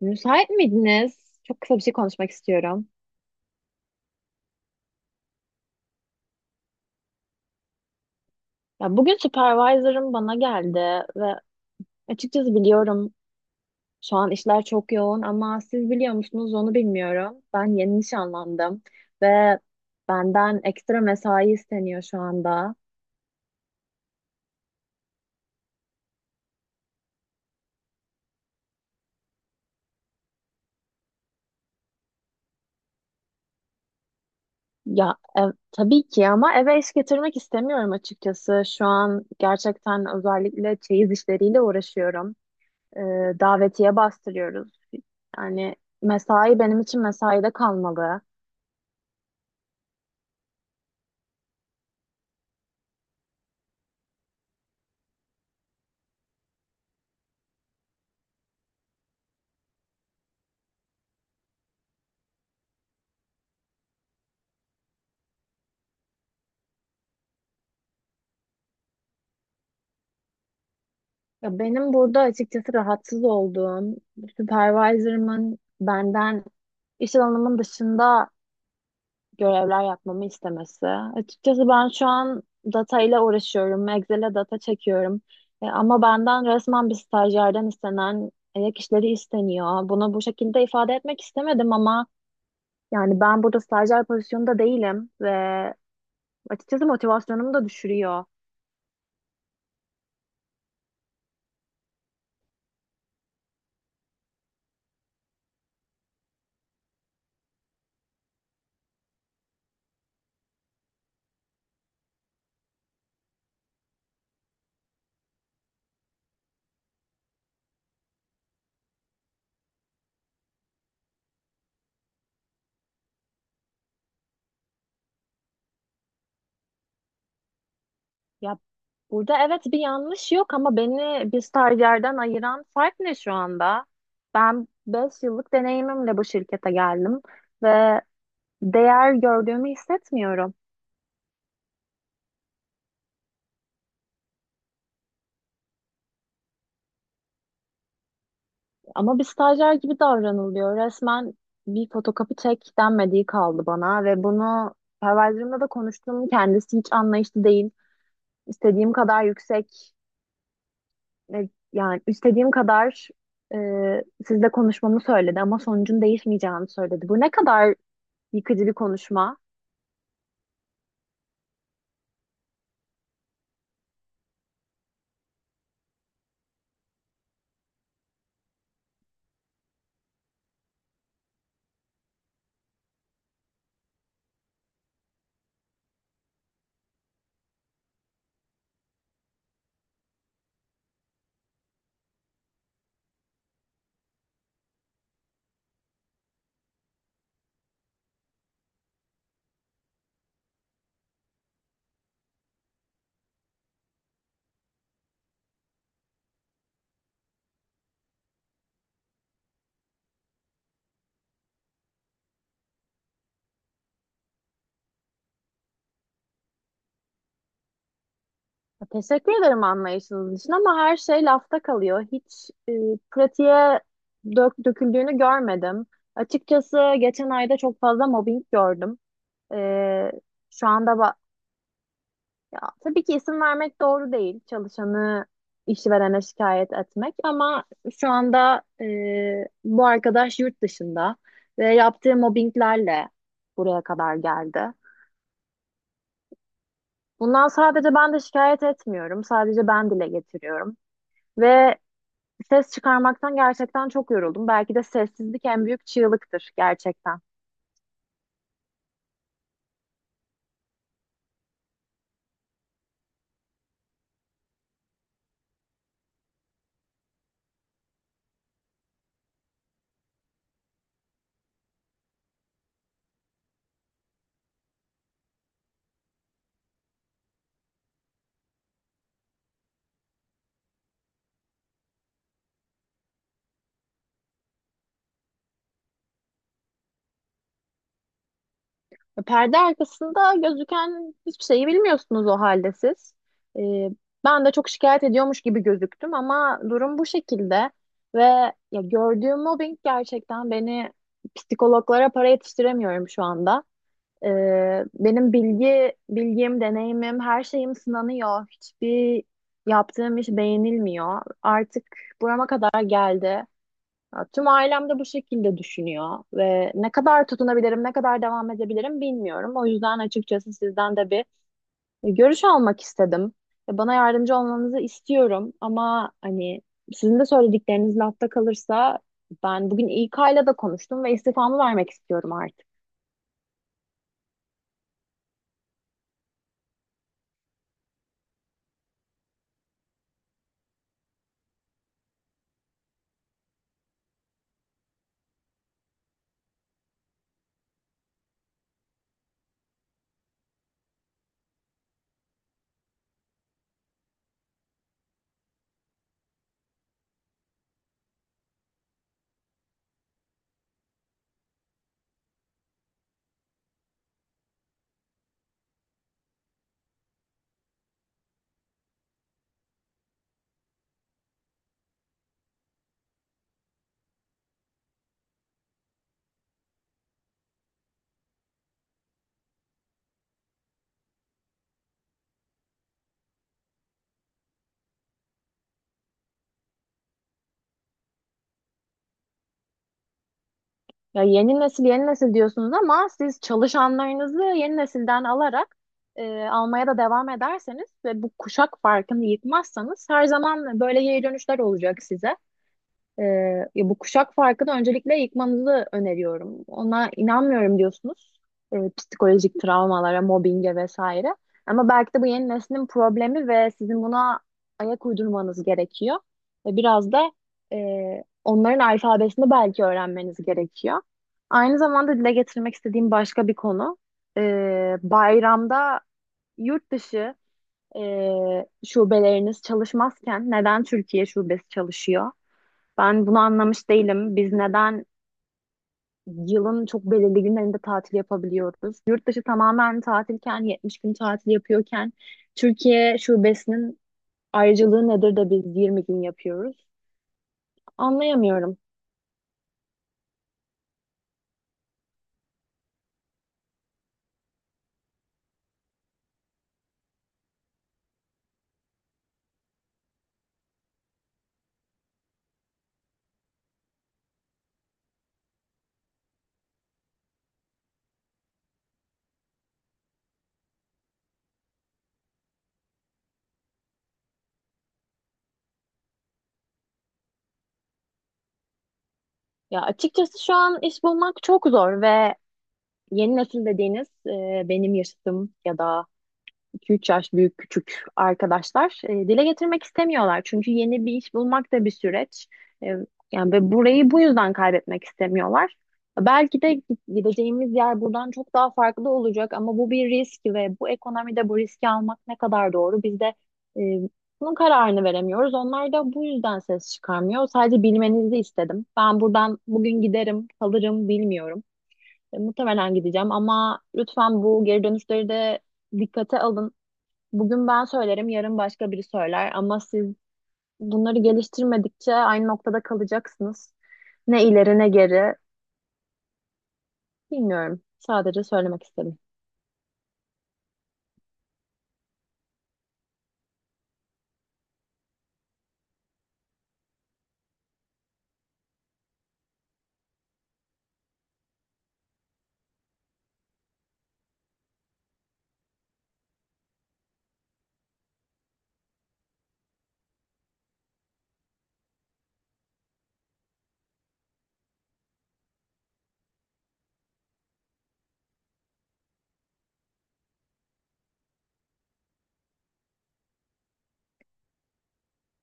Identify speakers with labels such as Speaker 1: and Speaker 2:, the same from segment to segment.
Speaker 1: Müsait miydiniz? Çok kısa bir şey konuşmak istiyorum. Ya bugün supervisor'ım bana geldi ve açıkçası biliyorum şu an işler çok yoğun ama siz biliyor musunuz onu bilmiyorum. Ben yeni nişanlandım ve benden ekstra mesai isteniyor şu anda. Ya tabii ki ama eve iş getirmek istemiyorum açıkçası. Şu an gerçekten özellikle çeyiz işleriyle uğraşıyorum. Ee, Davetiye bastırıyoruz. Yani mesai benim için mesaide kalmalı. Ya benim burada açıkçası rahatsız olduğum, supervisor'ımın benden iş alanımın dışında görevler yapmamı istemesi. Açıkçası ben şu an data ile uğraşıyorum, Excel'e data çekiyorum. Ama benden resmen bir stajyerden istenen ek işleri isteniyor. Bunu bu şekilde ifade etmek istemedim ama yani ben burada stajyer pozisyonunda değilim ve açıkçası motivasyonumu da düşürüyor. Ya burada evet bir yanlış yok ama beni bir stajyerden ayıran fark ne şu anda? Ben 5 yıllık deneyimimle bu şirkete geldim ve değer gördüğümü hissetmiyorum. Ama bir stajyer gibi davranılıyor. Resmen bir fotokopi çek denmediği kaldı bana ve bunu perverlerimle de konuştum. Kendisi hiç anlayışlı değil. İstediğim kadar yüksek ve yani istediğim kadar e, sizle konuşmamı söyledi ama sonucun değişmeyeceğini söyledi. Bu ne kadar yıkıcı bir konuşma. Teşekkür ederim anlayışınız için ama her şey lafta kalıyor. Hiç pratiğe döküldüğünü görmedim. Açıkçası geçen ayda çok fazla mobbing gördüm. E, şu anda ba- Ya, tabii ki isim vermek doğru değil. Çalışanı işverene şikayet etmek ama şu anda bu arkadaş yurt dışında ve yaptığı mobbinglerle buraya kadar geldi. Bundan sadece ben de şikayet etmiyorum. Sadece ben dile getiriyorum. Ve ses çıkarmaktan gerçekten çok yoruldum. Belki de sessizlik en büyük çığlıktır gerçekten. Perde arkasında gözüken hiçbir şeyi bilmiyorsunuz o halde siz. Ee, Ben de çok şikayet ediyormuş gibi gözüktüm ama durum bu şekilde ve ya gördüğüm mobbing gerçekten beni psikologlara para yetiştiremiyorum şu anda. Benim bilgim, deneyimim, her şeyim sınanıyor. Hiçbir yaptığım iş beğenilmiyor. Artık burama kadar geldi. Ya, tüm ailem de bu şekilde düşünüyor ve ne kadar tutunabilirim, ne kadar devam edebilirim bilmiyorum. O yüzden açıkçası sizden de bir görüş almak istedim. Bana yardımcı olmanızı istiyorum ama hani sizin de söyledikleriniz lafta kalırsa ben bugün İK ile de konuştum ve istifamı vermek istiyorum artık. Ya yeni nesil yeni nesil diyorsunuz ama siz çalışanlarınızı yeni nesilden alarak almaya da devam ederseniz ve bu kuşak farkını yıkmazsanız her zaman böyle geri dönüşler olacak size. Ee, Ya bu kuşak farkını öncelikle yıkmanızı öneriyorum. Ona inanmıyorum diyorsunuz. Psikolojik travmalara, mobbinge vesaire. Ama belki de bu yeni neslin problemi ve sizin buna ayak uydurmanız gerekiyor. Ve biraz da onların alfabesini belki öğrenmeniz gerekiyor. Aynı zamanda dile getirmek istediğim başka bir konu. Bayramda yurt dışı e, şubeleriniz çalışmazken neden Türkiye şubesi çalışıyor? Ben bunu anlamış değilim. Biz neden yılın çok belirli günlerinde tatil yapabiliyoruz? Yurt dışı tamamen tatilken, 70 gün tatil yapıyorken Türkiye şubesinin ayrıcalığı nedir de biz 20 gün yapıyoruz? Anlayamıyorum. Ya açıkçası şu an iş bulmak çok zor ve yeni nesil dediğiniz benim yaşadığım ya da 2-3 yaş büyük küçük arkadaşlar dile getirmek istemiyorlar. Çünkü yeni bir iş bulmak da bir süreç. E, Yani ve burayı bu yüzden kaybetmek istemiyorlar. Belki de gideceğimiz yer buradan çok daha farklı olacak ama bu bir risk ve bu ekonomide bu riski almak ne kadar doğru? Biz de e, bunun kararını veremiyoruz. Onlar da bu yüzden ses çıkarmıyor. Sadece bilmenizi istedim. Ben buradan bugün giderim, kalırım bilmiyorum. Muhtemelen gideceğim ama lütfen bu geri dönüşleri de dikkate alın. Bugün ben söylerim, yarın başka biri söyler ama siz bunları geliştirmedikçe aynı noktada kalacaksınız. Ne ileri ne geri bilmiyorum. Sadece söylemek istedim.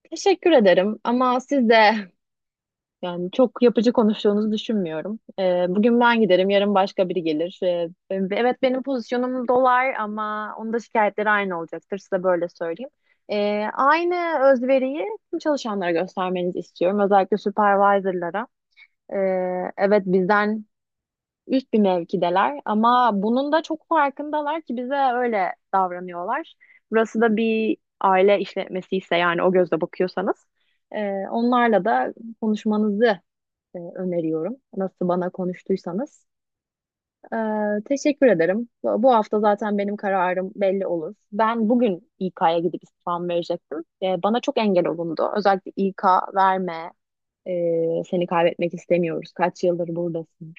Speaker 1: Teşekkür ederim ama siz de yani çok yapıcı konuştuğunuzu düşünmüyorum. Bugün ben giderim, yarın başka biri gelir. Evet benim pozisyonum dolar ama onun da şikayetleri aynı olacaktır. Size böyle söyleyeyim. Aynı özveriyi tüm çalışanlara göstermenizi istiyorum. Özellikle supervisor'lara. Ee, evet bizden üst bir mevkideler ama bunun da çok farkındalar ki bize öyle davranıyorlar. Burası da bir aile işletmesi ise yani o gözle bakıyorsanız. Onlarla da konuşmanızı öneriyorum. Nasıl bana konuştuysanız. E, Teşekkür ederim. Bu hafta zaten benim kararım belli olur. Ben bugün İK'ya gidip istifamı verecektim. Bana çok engel olundu. Özellikle İK verme, seni kaybetmek istemiyoruz. Kaç yıldır buradasın.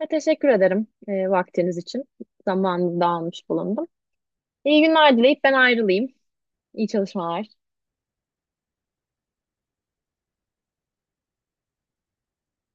Speaker 1: Ve teşekkür ederim vaktiniz için. Zamanınızı da almış bulundum. İyi günler dileyip ben ayrılayım. İyi çalışmalar.